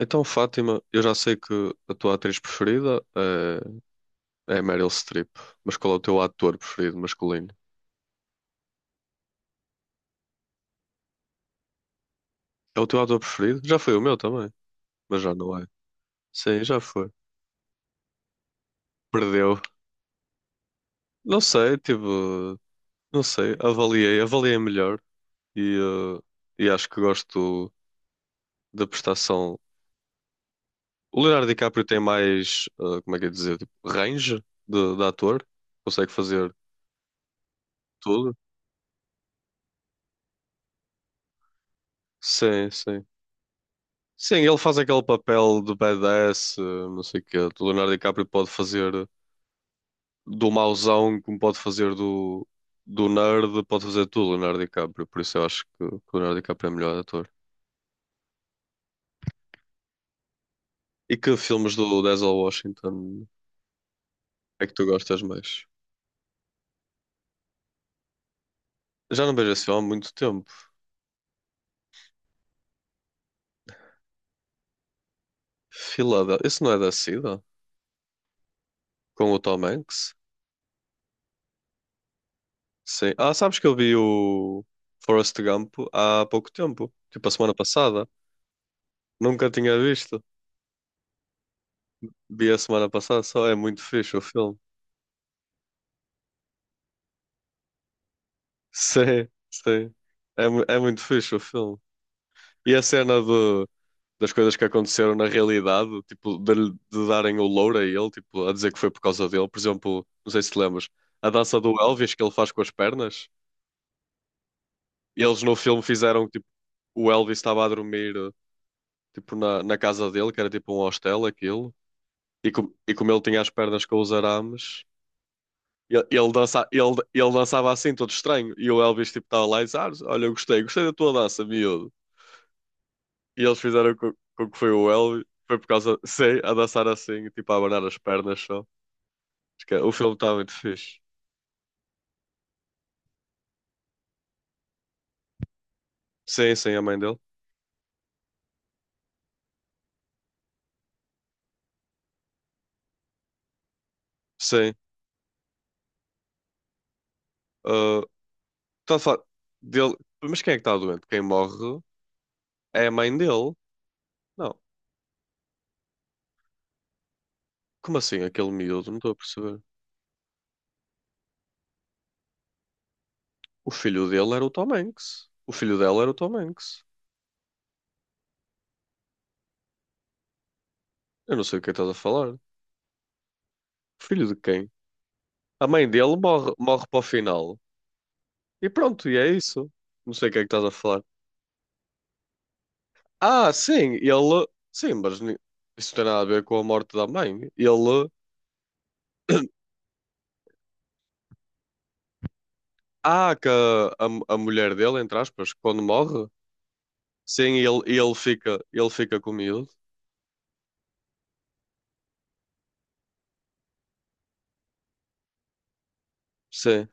Então, Fátima, eu já sei que a tua atriz preferida é a Meryl Streep, mas qual é o teu ator preferido masculino? É o teu ator preferido? Já foi o meu também, mas já não é. Sim, já foi. Perdeu. Não sei, tipo, não sei, avaliei melhor e, e acho que gosto da prestação. O Leonardo DiCaprio tem mais, como é que é dizer, tipo, range de ator, consegue fazer tudo. Sim, sim. Sim, ele faz aquele papel de badass, não sei o quê. O Leonardo DiCaprio pode fazer do mauzão, como pode fazer do nerd, pode fazer tudo, Leonardo DiCaprio. Por isso eu acho que o Leonardo DiCaprio é o melhor ator. E que filmes do Denzel Washington é que tu gostas mais? Já não vejo esse filme há muito tempo. Filadel... Esse não é da SIDA? Com o Tom Hanks? Sim. Ah, sabes que eu vi o Forrest Gump há pouco tempo. Tipo, a semana passada. Nunca tinha visto. Vi a semana passada só. É muito fixe o filme. Sim, sim. É, é muito fixe o filme. E a cena do, das coisas que aconteceram na realidade, tipo, de, de darem o louro a ele, tipo, a dizer que foi por causa dele. Por exemplo, não sei se te lembras, a dança do Elvis que ele faz com as pernas. E eles no filme fizeram que tipo, o Elvis estava a dormir tipo, na casa dele, que era tipo um hostel, aquilo. E como ele tinha as pernas com os arames, Ele, ele, dança, ele, ele dançava assim, todo estranho. E o Elvis tipo estava lá e disse: "Ah, olha, eu gostei, gostei da tua dança, miúdo." E eles fizeram com que foi o Elvis, foi por causa, sei, a dançar assim, tipo a abanar as pernas só. Acho que o filme está muito fixe. Sim, sim, a mãe dele. Sim. Ah, tanto faz. Dele... Mas quem é que está doente? Quem morre é a mãe dele. Não. Como assim, aquele miúdo? Não estou a perceber. O filho dele era o Tom Hanks. O filho dela era o Tom Hanks. Eu não sei o que estás a falar. Filho de quem? A mãe dele morre, para o final. E pronto, e é isso. Não sei o que é que estás a falar. Ah, sim, ele. Sim, mas isso não tem nada a ver com a morte da mãe. Ele. Ah, que a mulher dele, entre aspas, quando morre. Sim, ele fica com o miúdo. Sim.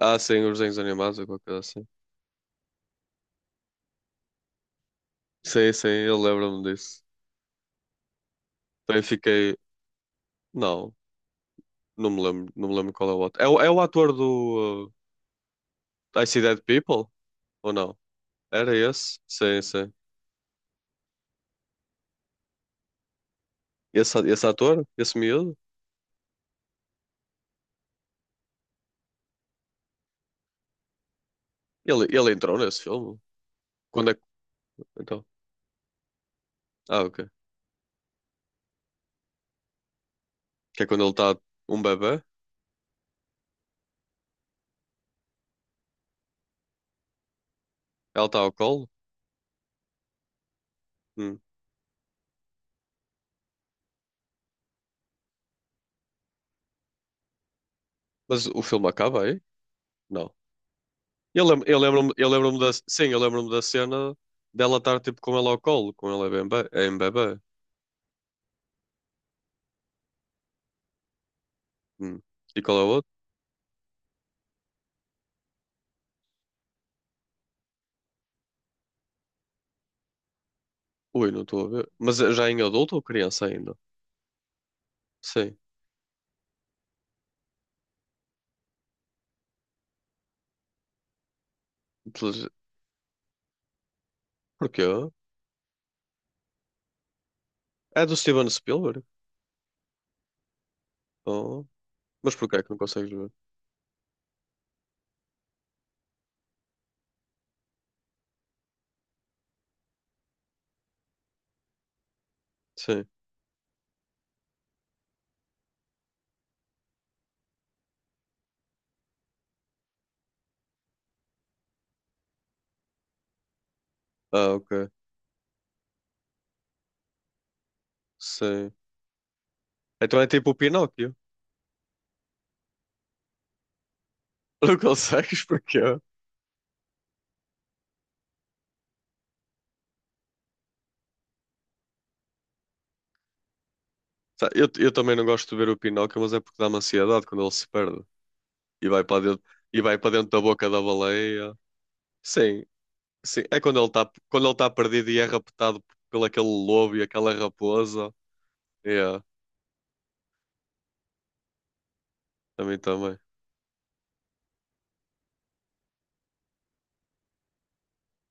Ah, sim, os desenhos animados ou qualquer coisa assim. Sim, sim, eu lembro-me disso. Também fiquei. Não, não me lembro qual é o outro. É, é o ator do I See Dead People? Ou não? Era esse? Sim, sim. Esse ator, esse miúdo, ele entrou nesse filme. Quando é que. Então. Ah, ok. Que é quando ele está um bebê, ela está ao colo. Hum. Mas o filme acaba aí? Não. Eu lembro-me da cena dela estar tipo com ele ao colo, com ele é bem bebê. Em bebê. Hum. E qual é o outro? Ui, não estou a ver. Mas é já em adulto ou criança ainda? Sim. Intelig- Porquê? É do Steven Spielberg? Oh. Mas porquê é que não consegues ver? Sim. Ah, ok. Sim. Então é tipo o Pinóquio. Não consegues porque eu, tá, eu também não gosto de ver o Pinóquio, mas é porque dá-me ansiedade quando ele se perde e vai para dentro, e vai para dentro da boca da baleia. Sim, sim, é quando ele está perdido e é raptado pelo aquele lobo e aquela raposa. É, também também.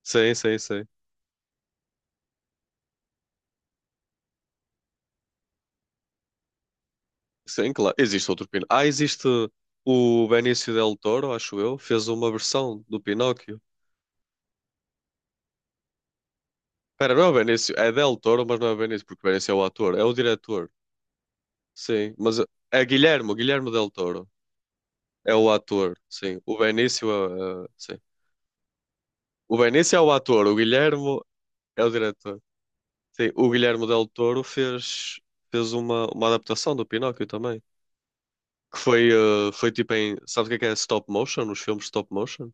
Sim, sim, sim. Sim, claro. Existe outro Pinóquio. Ah, existe o Benício del Toro, acho eu, fez uma versão do Pinóquio. Espera, não é o Benício, é del Toro, mas não é o Benício, porque o Benício é o ator, é o diretor. Sim, mas é Guilherme del Toro. É o ator, sim. O Benício, sim. O Benício é o ator, o Guilherme é o diretor. Sim, o Guilherme Del Toro fez, uma, adaptação do Pinóquio também. Que foi, foi tipo em. Sabes o que é stop motion? Os filmes stop motion?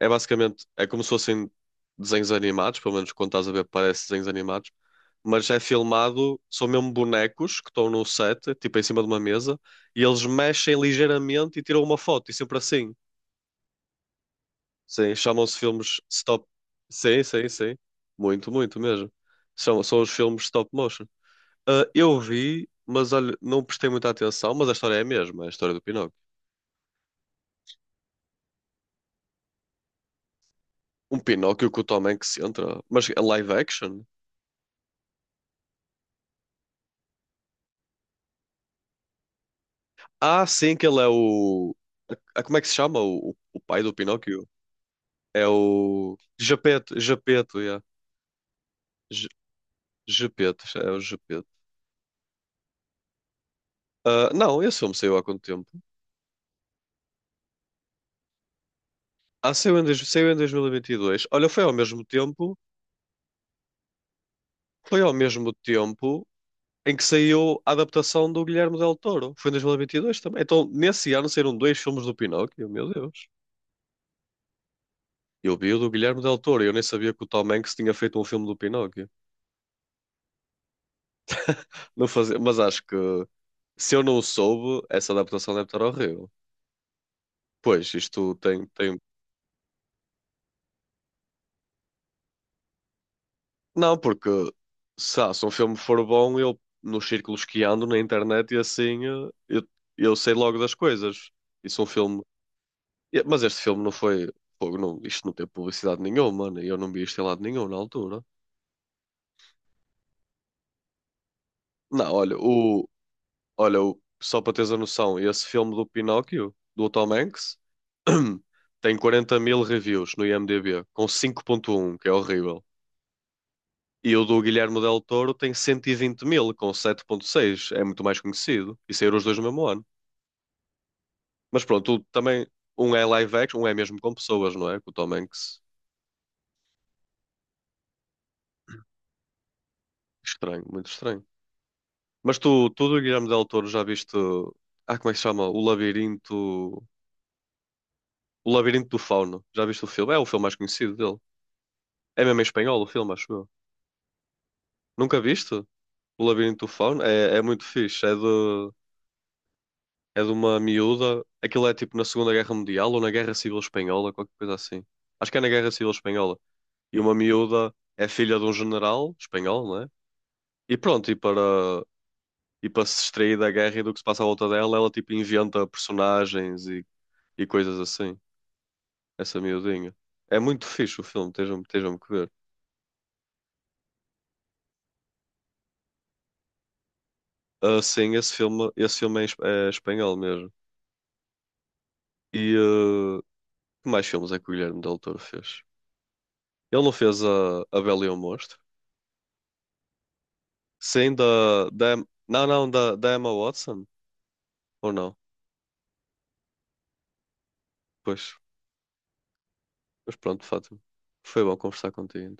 É basicamente. É como se fossem desenhos animados, pelo menos quando estás a ver, parece desenhos animados. Mas é filmado, são mesmo bonecos que estão no set, tipo em cima de uma mesa, e eles mexem ligeiramente e tiram uma foto, e sempre assim. Sim, chamam-se filmes stop. Sim, sim, sim. Muito, muito mesmo. São os filmes stop motion. Ah, eu vi, mas olha, não prestei muita atenção, mas a história é a mesma, é a história do Pinóquio. Um Pinóquio que o Tom Hanks entra, mas é live action? Ah, sim, que ele é o. Ah, como é que se chama o pai do Pinóquio? É o. Gepeto, Gepeto, yeah. Ge- Gepeto, é o Gepeto. Ah, não, esse filme saiu há quanto tempo? Ah, saiu em, saiu em 2022. Olha, foi ao mesmo tempo. Foi ao mesmo tempo em que saiu a adaptação do Guilherme Del Toro. Foi em 2022 também. Então, nesse ano saíram dois filmes do Pinóquio, meu Deus. Eu vi o do Guilherme Del Toro e eu nem sabia que o Tom Hanks tinha feito um filme do Pinóquio. Não fazia... Mas acho que se eu não o soube, essa adaptação deve estar horrível. Pois, isto tem... Não, porque se, ah, se um filme for bom, eu nos círculos que ando na internet e assim, eu, eu sei logo das coisas. E se um filme. Mas este filme não foi. Pô, não, isto não teve publicidade nenhuma, mano. E eu não vi isto em lado nenhum na altura. Não, olha, o, só para teres a noção, esse filme do Pinóquio, do Tom Hanks, tem 40.000 reviews no IMDb, com 5,1 que é horrível. E o do Guilherme Del Toro tem 120.000, com 7,6. É muito mais conhecido. E saíram os dois no mesmo ano. Mas pronto, também, um é live action, um é mesmo com pessoas, não é? Com o Tom Hanks. Estranho, muito estranho. Mas tu do Guilherme Del Toro já viste. Ah, como é que se chama? O Labirinto. O Labirinto do Fauno. Já viste o filme? É o filme mais conhecido dele. É mesmo em espanhol o filme, acho eu. Nunca viste? O Labirinto do Fauno? É muito fixe. É de uma miúda. Aquilo é tipo na Segunda Guerra Mundial ou na Guerra Civil Espanhola, qualquer coisa assim. Acho que é na Guerra Civil Espanhola. E uma miúda é filha de um general espanhol, não é? E pronto, e para se distrair da guerra e do que se passa à volta dela, ela tipo inventa personagens e coisas assim. Essa miudinha. É muito fixe o filme, estejam que ver. Ah, sim, esse filme, é, em espanhol mesmo. E que mais filmes é que o Guilherme Del Toro fez? Ele não fez a Bela e o Monstro? Sim, não, não, da, da Emma Watson? Ou não? Pois, mas pronto, Fátima. Foi bom conversar contigo.